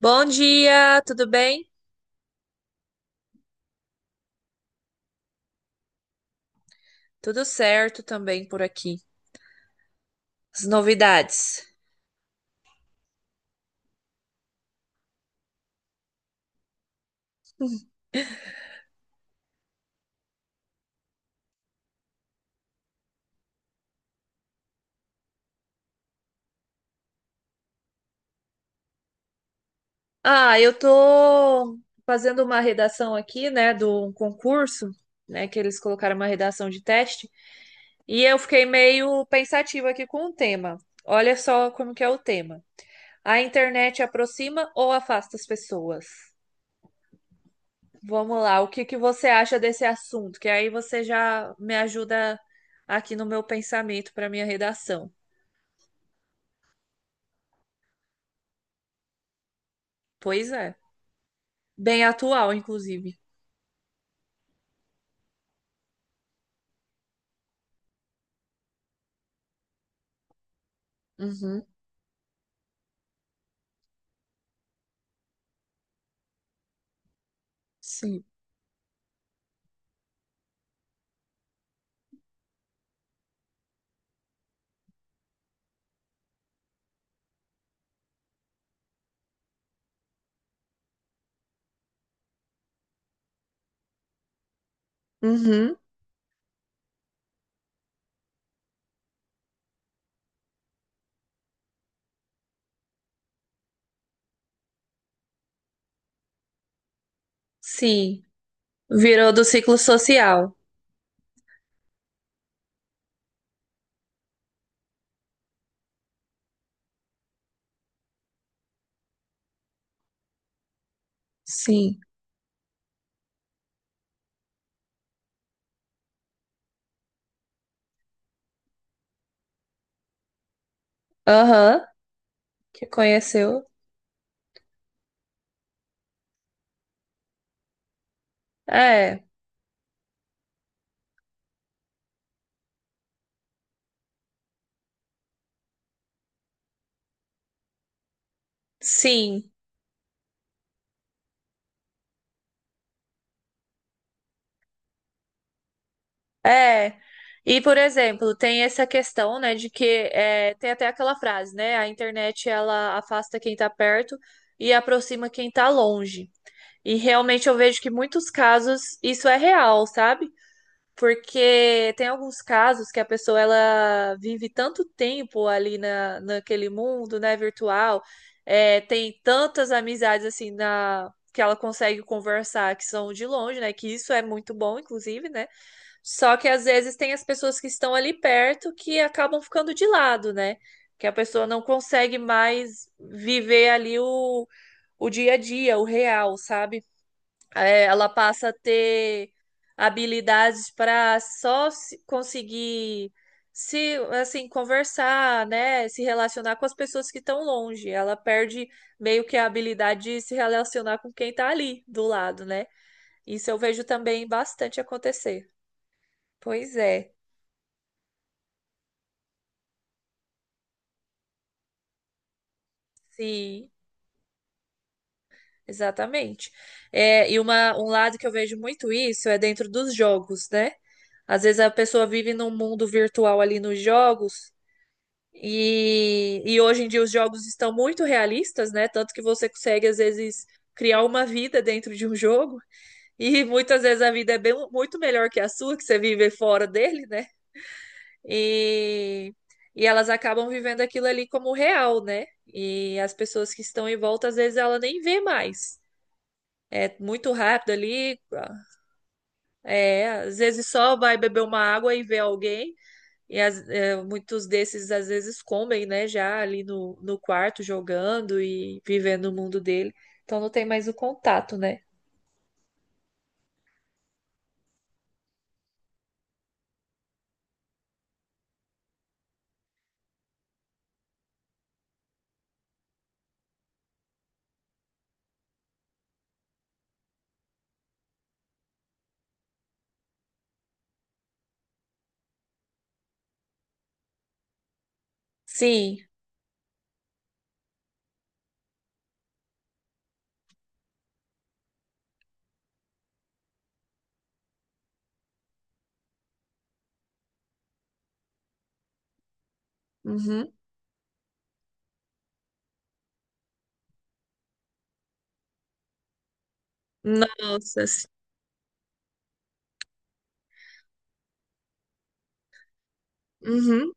Bom dia, tudo bem? Tudo certo também por aqui. As novidades. Ah, eu tô fazendo uma redação aqui, né, do um concurso, né, que eles colocaram uma redação de teste, e eu fiquei meio pensativa aqui com o tema. Olha só como que é o tema. A internet aproxima ou afasta as pessoas? Vamos lá, o que que você acha desse assunto? Que aí você já me ajuda aqui no meu pensamento para minha redação. Pois é. Bem atual, inclusive. Uhum. Sim. Uhum. Sim. Virou do ciclo social. Sim. Aham. Que conheceu. É. Sim. É. E, por exemplo, tem essa questão, né, de que tem até aquela frase, né? A internet ela afasta quem tá perto e aproxima quem tá longe. E realmente eu vejo que muitos casos isso é real, sabe? Porque tem alguns casos que a pessoa ela vive tanto tempo ali naquele mundo, né, virtual, tem tantas amizades assim na que ela consegue conversar que são de longe, né? Que isso é muito bom, inclusive, né? Só que às vezes tem as pessoas que estão ali perto que acabam ficando de lado, né? Que a pessoa não consegue mais viver ali o dia a dia, o real, sabe? Ela passa a ter habilidades para só se- conseguir se assim conversar, né, se relacionar com as pessoas que estão longe. Ela perde meio que a habilidade de se relacionar com quem tá ali do lado, né? Isso eu vejo também bastante acontecer. Pois é, sim, exatamente. É, e um lado que eu vejo muito isso é dentro dos jogos, né? Às vezes a pessoa vive num mundo virtual ali nos jogos. E hoje em dia os jogos estão muito realistas, né? Tanto que você consegue, às vezes, criar uma vida dentro de um jogo. E muitas vezes a vida é bem, muito melhor que a sua, que você vive fora dele, né? E, e elas acabam vivendo aquilo ali como real, né? E as pessoas que estão em volta, às vezes, ela nem vê mais. É muito rápido ali. É, às vezes só vai beber uma água e vê alguém. E muitos desses às vezes comem, né, já ali no quarto jogando e vivendo o mundo dele. Então não tem mais o contato, né? Sim. Uhum. Nossa, sim. Uhum.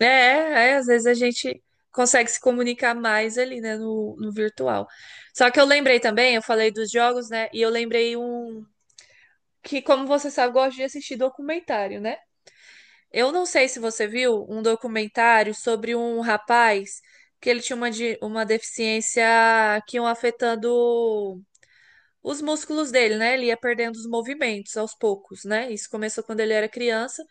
É, às vezes a gente consegue se comunicar mais ali, né, no virtual. Só que eu lembrei também, eu falei dos jogos, né, e eu lembrei um que, como você sabe, eu gosto de assistir documentário, né? Eu não sei se você viu um documentário sobre um rapaz que ele tinha uma deficiência que iam afetando os músculos dele, né? Ele ia perdendo os movimentos aos poucos, né? Isso começou quando ele era criança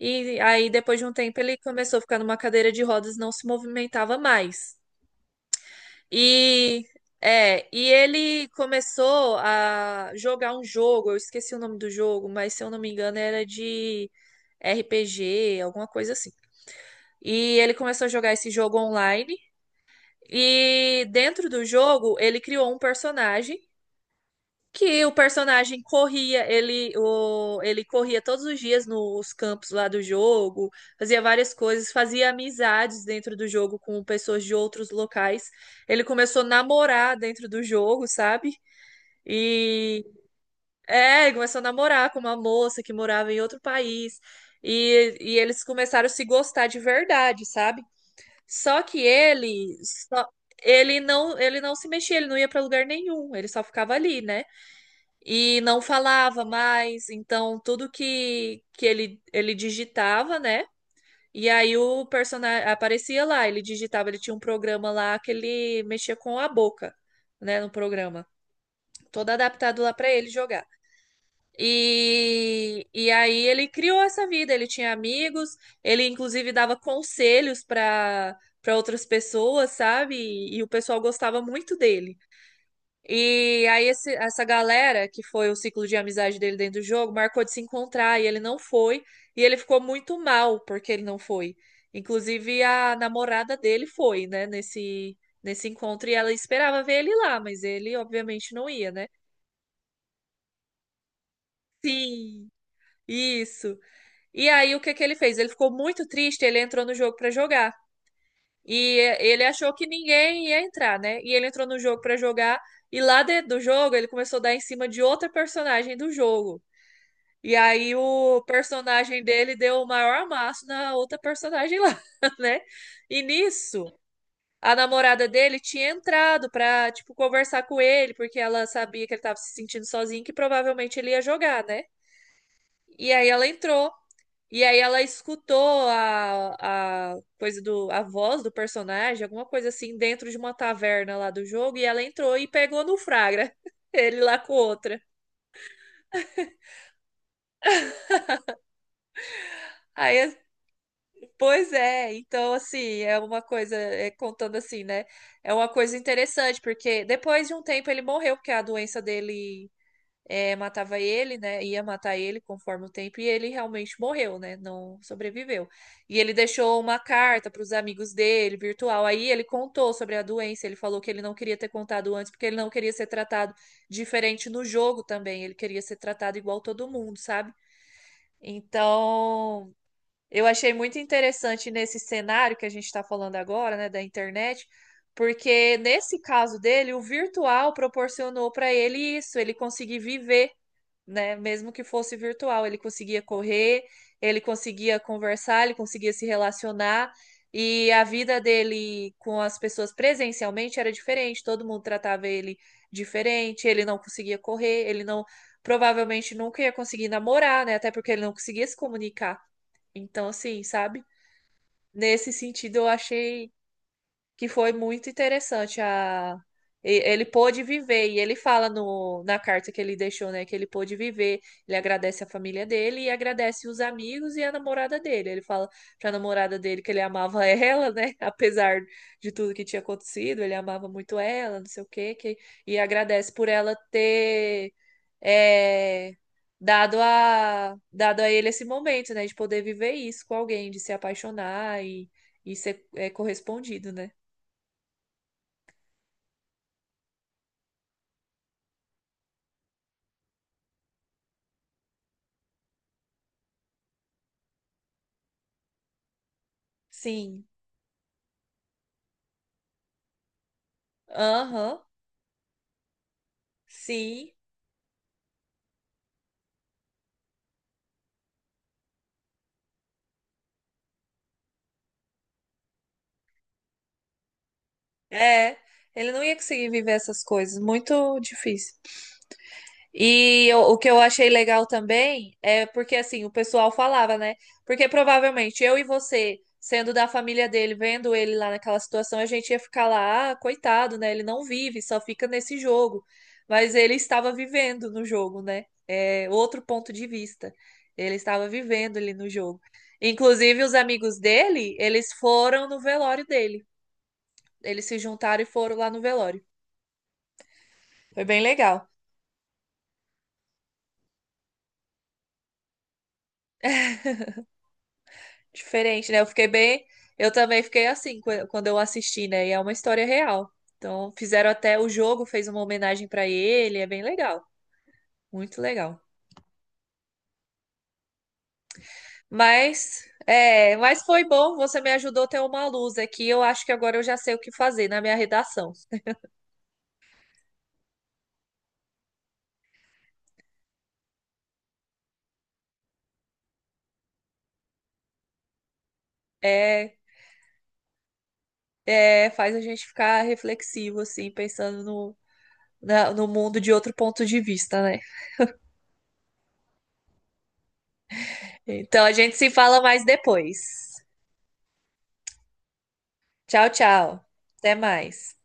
e aí depois de um tempo ele começou a ficar numa cadeira de rodas, e não se movimentava mais. E e ele começou a jogar um jogo, eu esqueci o nome do jogo, mas se eu não me engano era de RPG, alguma coisa assim. E ele começou a jogar esse jogo online. E dentro do jogo, ele criou um personagem que o personagem corria, ele corria todos os dias nos campos lá do jogo, fazia várias coisas, fazia amizades dentro do jogo com pessoas de outros locais. Ele começou a namorar dentro do jogo, sabe? E ele começou a namorar com uma moça que morava em outro país. E eles começaram a se gostar de verdade, sabe? Só que ele não se mexia, ele não ia para lugar nenhum, ele só ficava ali, né? E não falava mais, então tudo que ele digitava, né? E aí o personagem aparecia lá, ele digitava, ele tinha um programa lá que ele mexia com a boca, né, no programa, todo adaptado lá para ele jogar. E aí ele criou essa vida, ele tinha amigos, ele inclusive dava conselhos para outras pessoas, sabe? E o pessoal gostava muito dele. E aí essa galera, que foi o ciclo de amizade dele dentro do jogo, marcou de se encontrar e ele não foi, e ele ficou muito mal porque ele não foi. Inclusive a namorada dele foi, né, nesse encontro e ela esperava ver ele lá, mas ele obviamente não ia, né? Sim, isso. E aí, o que que ele fez? Ele ficou muito triste, ele entrou no jogo pra jogar. E ele achou que ninguém ia entrar, né? E ele entrou no jogo pra jogar. E lá dentro do jogo, ele começou a dar em cima de outra personagem do jogo. E aí, o personagem dele deu o maior amasso na outra personagem lá, né? E nisso, a namorada dele tinha entrado pra, tipo, conversar com ele, porque ela sabia que ele tava se sentindo sozinho, e que provavelmente ele ia jogar, né? E aí, ela entrou. E aí ela escutou a coisa do a voz do personagem, alguma coisa assim, dentro de uma taverna lá do jogo, e ela entrou e pegou no Fragra, ele lá com outra. Aí, pois é, então assim, é uma coisa, contando assim, né? É uma coisa interessante, porque depois de um tempo ele morreu, porque a doença dele matava ele, né? Ia matar ele conforme o tempo, e ele realmente morreu, né? Não sobreviveu. E ele deixou uma carta para os amigos dele, virtual. Aí ele contou sobre a doença, ele falou que ele não queria ter contado antes, porque ele não queria ser tratado diferente no jogo também. Ele queria ser tratado igual todo mundo, sabe? Então, eu achei muito interessante nesse cenário que a gente está falando agora, né, da internet, porque nesse caso dele, o virtual proporcionou para ele isso, ele conseguir viver, né? Mesmo que fosse virtual, ele conseguia correr, ele conseguia conversar, ele conseguia se relacionar. E a vida dele com as pessoas presencialmente era diferente, todo mundo tratava ele diferente, ele não conseguia correr, ele não provavelmente nunca ia conseguir namorar, né? Até porque ele não conseguia se comunicar. Então, assim, sabe? Nesse sentido, eu achei que foi muito interessante ele pôde viver e ele fala no, na carta que ele deixou, né, que ele pôde viver. Ele agradece a família dele e agradece os amigos e a namorada dele. Ele fala pra namorada dele que ele amava ela, né, apesar de tudo que tinha acontecido, ele amava muito ela, não sei o quê, que, e agradece por ela ter é, dado a ele esse momento, né, de poder viver isso com alguém, de se apaixonar e ser correspondido, né? Sim. Aham. Sim. É. Ele não ia conseguir viver essas coisas. Muito difícil. E o que eu achei legal também é porque assim, o pessoal falava, né? Porque provavelmente eu e você, sendo da família dele, vendo ele lá naquela situação, a gente ia ficar lá, ah, coitado, né? Ele não vive, só fica nesse jogo. Mas ele estava vivendo no jogo, né? É outro ponto de vista. Ele estava vivendo ali no jogo. Inclusive, os amigos dele, eles foram no velório dele. Eles se juntaram e foram lá no velório. Foi bem legal. Diferente, né? Eu fiquei bem. Eu também fiquei assim quando eu assisti, né? E é uma história real. Então, fizeram até o jogo, fez uma homenagem pra ele, é bem legal, muito legal. Mas, foi bom, você me ajudou a ter uma luz aqui. Eu acho que agora eu já sei o que fazer na minha redação. É, é, faz a gente ficar reflexivo, assim, pensando no, no mundo de outro ponto de vista, né? Então, a gente se fala mais depois. Tchau, tchau. Até mais.